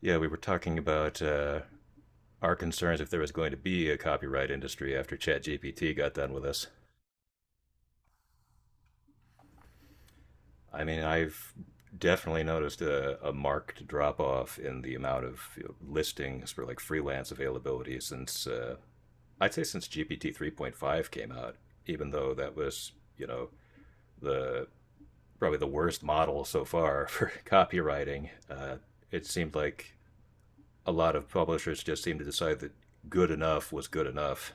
Yeah, we were talking about our concerns if there was going to be a copyright industry after ChatGPT got done with us. I've definitely noticed a marked drop off in the amount of listings for like freelance availability since I'd say since GPT 3.5 came out, even though that was, you know, the probably the worst model so far for copywriting. It seemed like a lot of publishers just seemed to decide that good enough was good enough.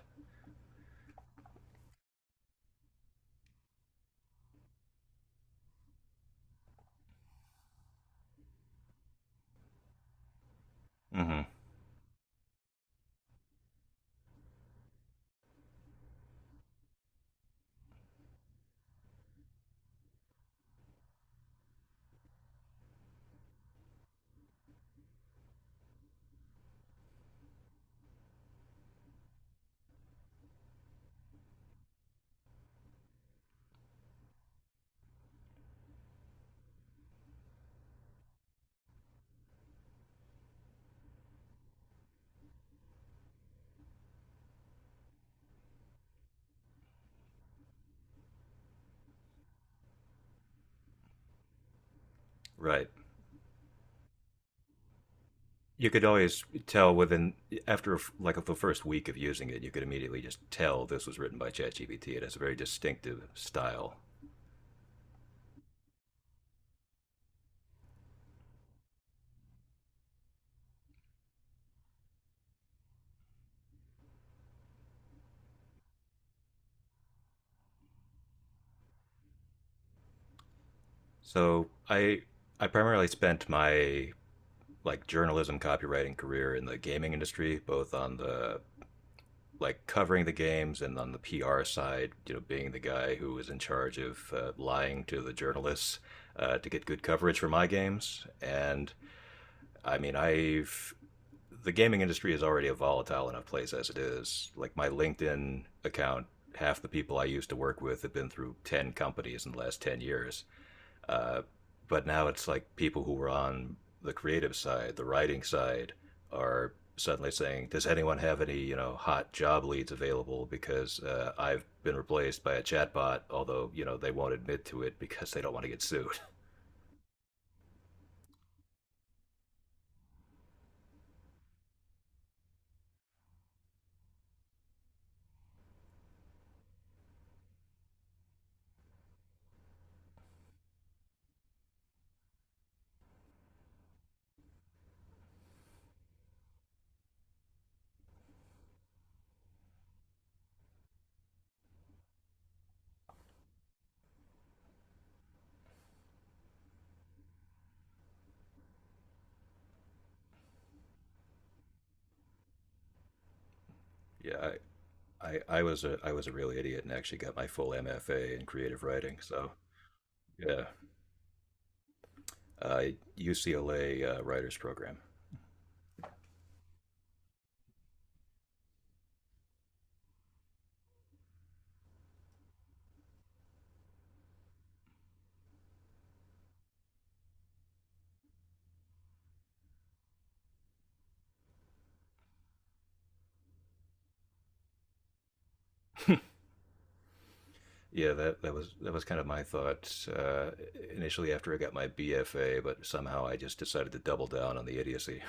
Mm-hmm. Right. you could always tell within After like the first week of using it, you could immediately just tell this was written by ChatGPT. It has a very distinctive style. So I I primarily spent my like journalism copywriting career in the gaming industry, both on the like covering the games and on the PR side, you know, being the guy who was in charge of lying to the journalists to get good coverage for my games. And I mean, I've the gaming industry is already a volatile enough place as it is. Like my LinkedIn account, half the people I used to work with have been through ten companies in the last 10 years. Uh, but now it's like people who were on the creative side, the writing side, are suddenly saying, "Does anyone have any hot job leads available?" Because I've been replaced by a chatbot, although you know they won't admit to it because they don't want to get sued. Yeah, I was a real idiot and actually got my full MFA in creative writing, so. Yeah, uh, UCLA writers program. Yeah, that was kind of my thought initially after I got my BFA, but somehow I just decided to double down on the idiocy.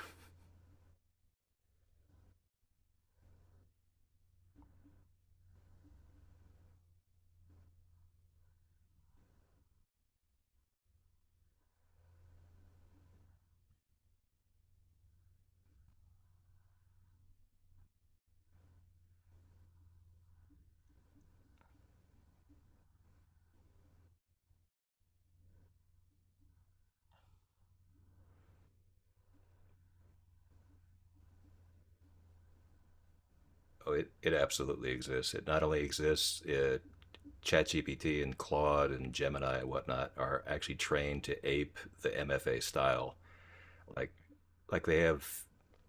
Oh, it absolutely exists. It not only exists, ChatGPT and Claude and Gemini and whatnot are actually trained to ape the MFA style, like they have,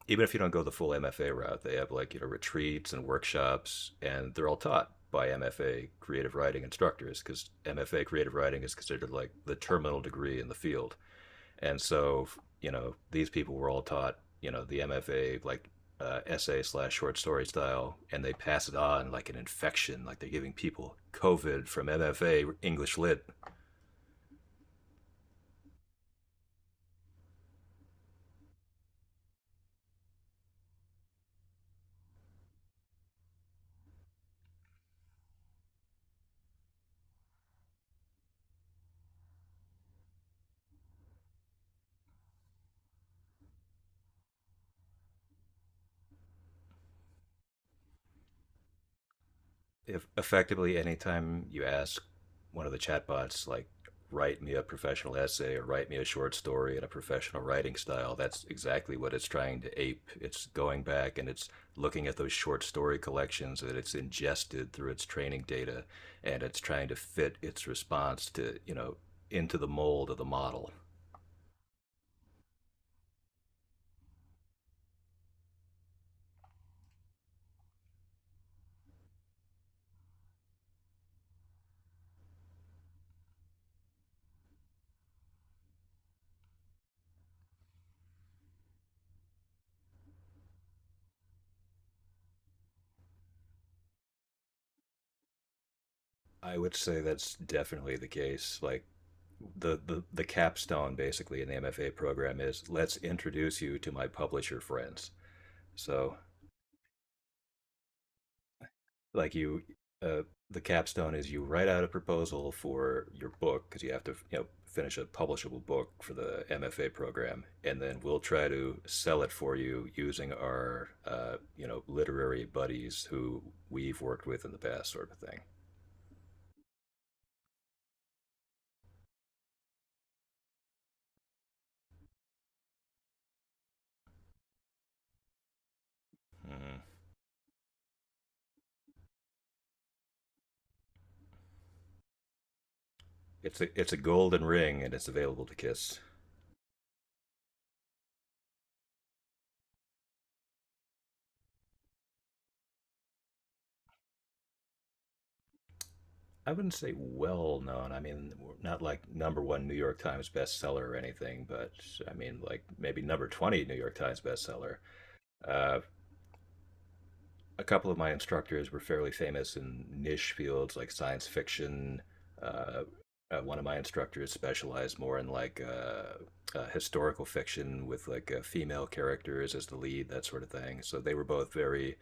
even if you don't go the full MFA route, they have like you know retreats and workshops, and they're all taught by MFA creative writing instructors because MFA creative writing is considered like the terminal degree in the field, and so you know these people were all taught you know the MFA like essay slash short story style, and they pass it on like an infection, like they're giving people COVID from MFA English Lit. If effectively anytime you ask one of the chatbots, like write me a professional essay or write me a short story in a professional writing style, that's exactly what it's trying to ape. It's going back and it's looking at those short story collections that it's ingested through its training data, and it's trying to fit its response to you know into the mold of the model. I would say that's definitely the case. Like the capstone basically in the MFA program is let's introduce you to my publisher friends. So, like you, uh, the capstone is you write out a proposal for your book because you have to, you know, finish a publishable book for the MFA program, and then we'll try to sell it for you using our, you know, literary buddies who we've worked with in the past, sort of thing. Mm-hmm. It's a golden ring, and it's available to Kiss. ISS. I wouldn't say well known. I mean, not like number one New York Times bestseller or anything, but I mean, like maybe number 20 New York Times bestseller. Uh, a couple of my instructors were fairly famous in niche fields like science fiction. Uh, One of my instructors specialized more in like historical fiction with like female characters as the lead, that sort of thing. So they were both very,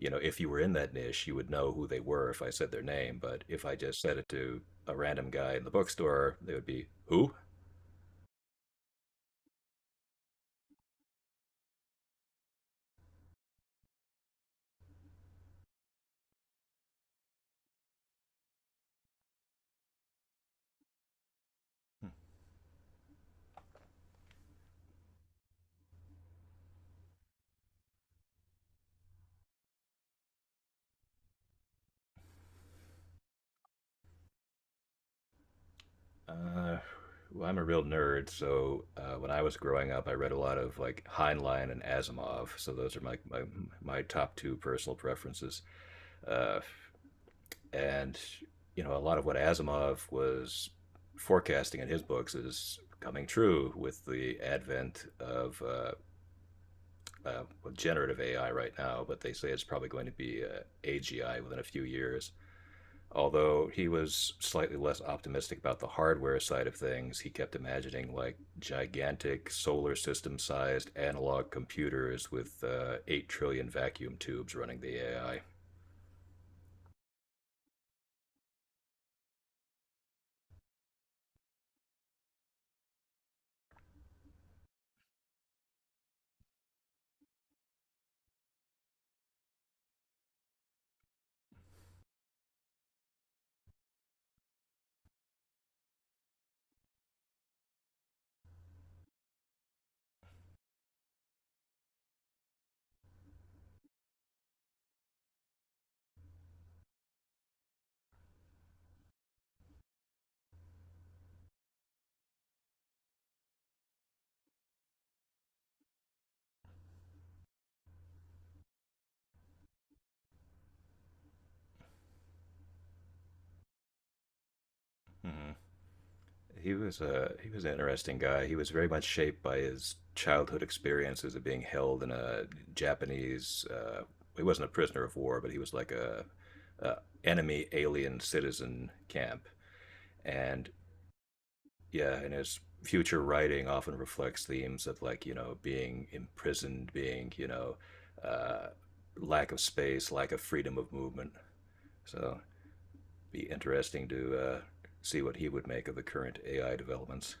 you know, if you were in that niche, you would know who they were if I said their name. But if I just said it to a random guy in the bookstore, they would be who? Uh, well, I'm a real nerd, so when I was growing up, I read a lot of like Heinlein and Asimov. So those are my, my top two personal preferences. Uh, and you know, a lot of what Asimov was forecasting in his books is coming true with the advent of well, generative AI right now. But they say it's probably going to be AGI within a few years. Although he was slightly less optimistic about the hardware side of things, he kept imagining like gigantic solar system sized analog computers with 8 trillion vacuum tubes running the AI. Mhm. He was an interesting guy. He was very much shaped by his childhood experiences of being held in a Japanese, he wasn't a prisoner of war, but he was like a enemy alien citizen camp, and yeah, and his future writing often reflects themes of like you know being imprisoned, being you know uh, lack of space, lack of freedom of movement. So be interesting to see what he would make of the current AI developments.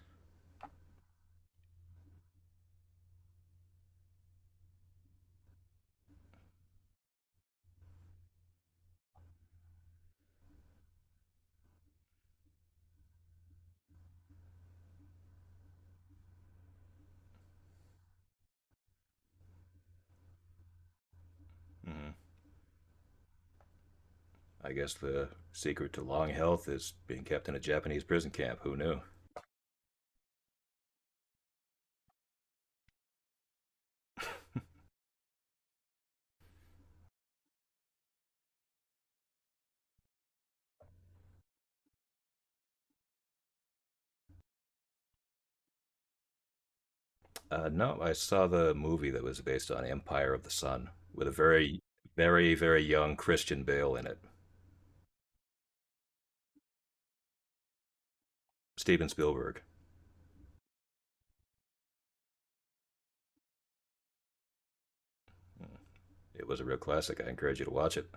Mhm. I guess the secret to long health is being kept in a Japanese prison camp. Who knew? No, I saw the movie that was based on Empire of the Sun with a very, very, very young Christian Bale in it. Steven Spielberg. It was a real classic. I encourage you to watch it.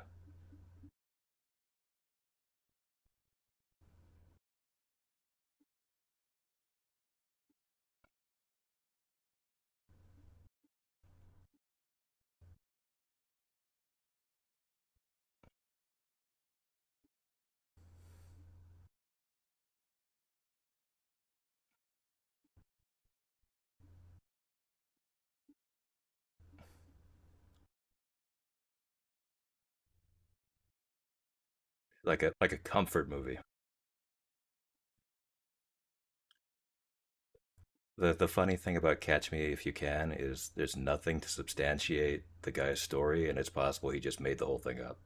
Like a comfort movie. The funny thing about Catch Me If You Can is there's nothing to substantiate the guy's story, and it's possible he just made the whole thing up.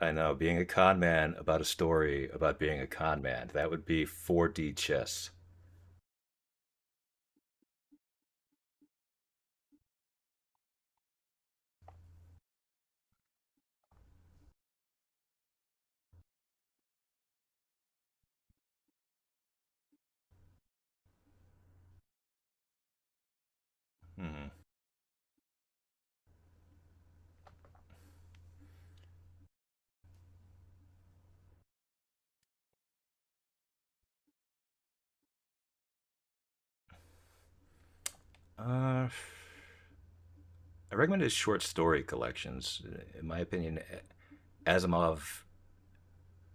I know, being a con man about a story about being a con man, that would be 4D chess. Hmm. I recommend his short story collections. In my opinion, Asimov,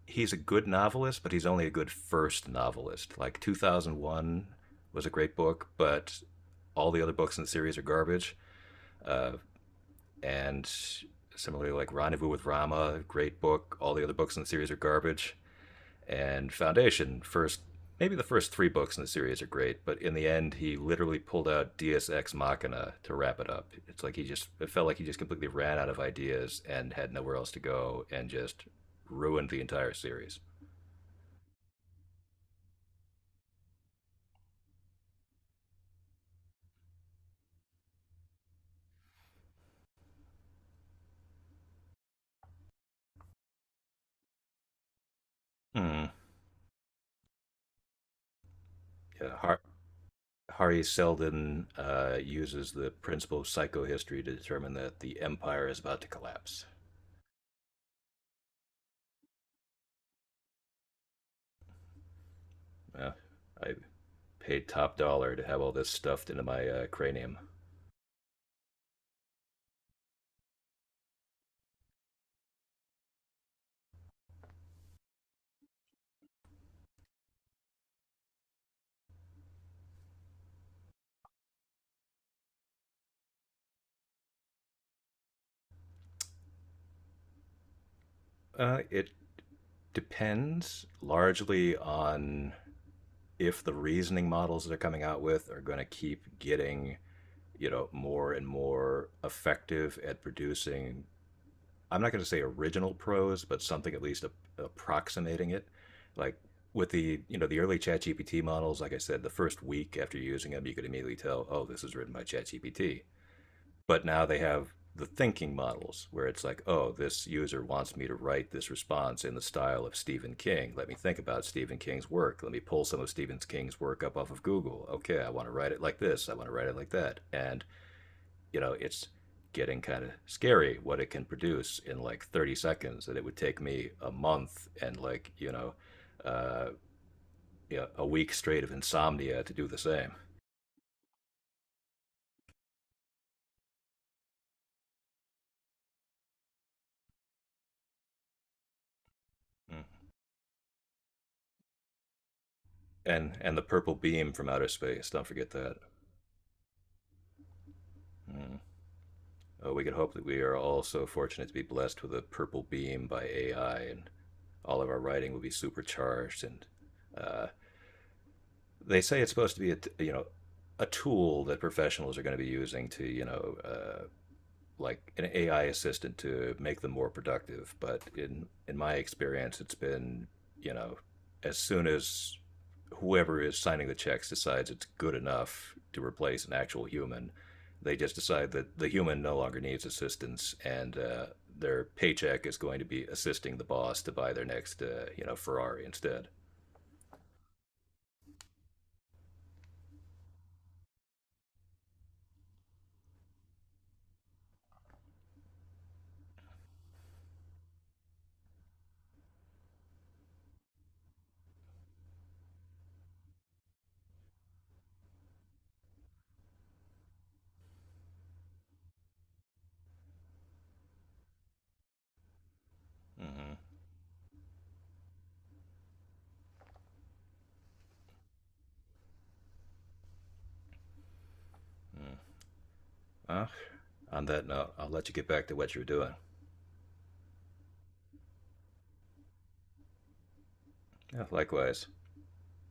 he's a good novelist, but he's only a good first novelist. Like 2001 was a great book, but all the other books in the series are garbage. Uh, and similarly, like Rendezvous with Rama, great book, all the other books in the series are garbage, and Foundation. First, maybe the first three books in the series are great, but in the end, he literally pulled out Deus Ex Machina to wrap it up. It's like he just it felt like he just completely ran out of ideas and had nowhere else to go, and just ruined the entire series. Mm. Yeah, Harry Seldon uses the principle of psychohistory to determine that the empire is about to collapse. Uh, I paid top dollar to have all this stuffed into my cranium. It Depends largely on if the reasoning models they're coming out with are going to keep getting, you know, more and more effective at producing, I'm not going to say original prose, but something at least approximating it. Like with the, you know, the early ChatGPT models, like I said, the first week after using them, you could immediately tell, oh, this is written by ChatGPT. But now they have the thinking models where it's like, oh, this user wants me to write this response in the style of Stephen King. Let me think about Stephen King's work. Let me pull some of Stephen King's work up off of Google. Okay, I want to write it like this. I want to write it like that. And, you know, it's getting kind of scary what it can produce in like 30 seconds that it would take me a month and like, uh, you know, a week straight of insomnia to do the same. Mm. And the purple beam from outer space, don't forget that. Mm. We can hope that we are all so fortunate to be blessed with a purple beam by AI, and all of our writing will be supercharged. And uh, they say it's supposed to be a you know a tool that professionals are going to be using to you know like an AI assistant to make them more productive. But in my experience, it's been you know as soon as whoever is signing the checks decides it's good enough to replace an actual human, they just decide that the human no longer needs assistance and their paycheck is going to be assisting the boss to buy their next you know Ferrari instead. Mm-hmm. Mm. Well, on that note, I'll let you get back to what you were doing. Yeah, likewise.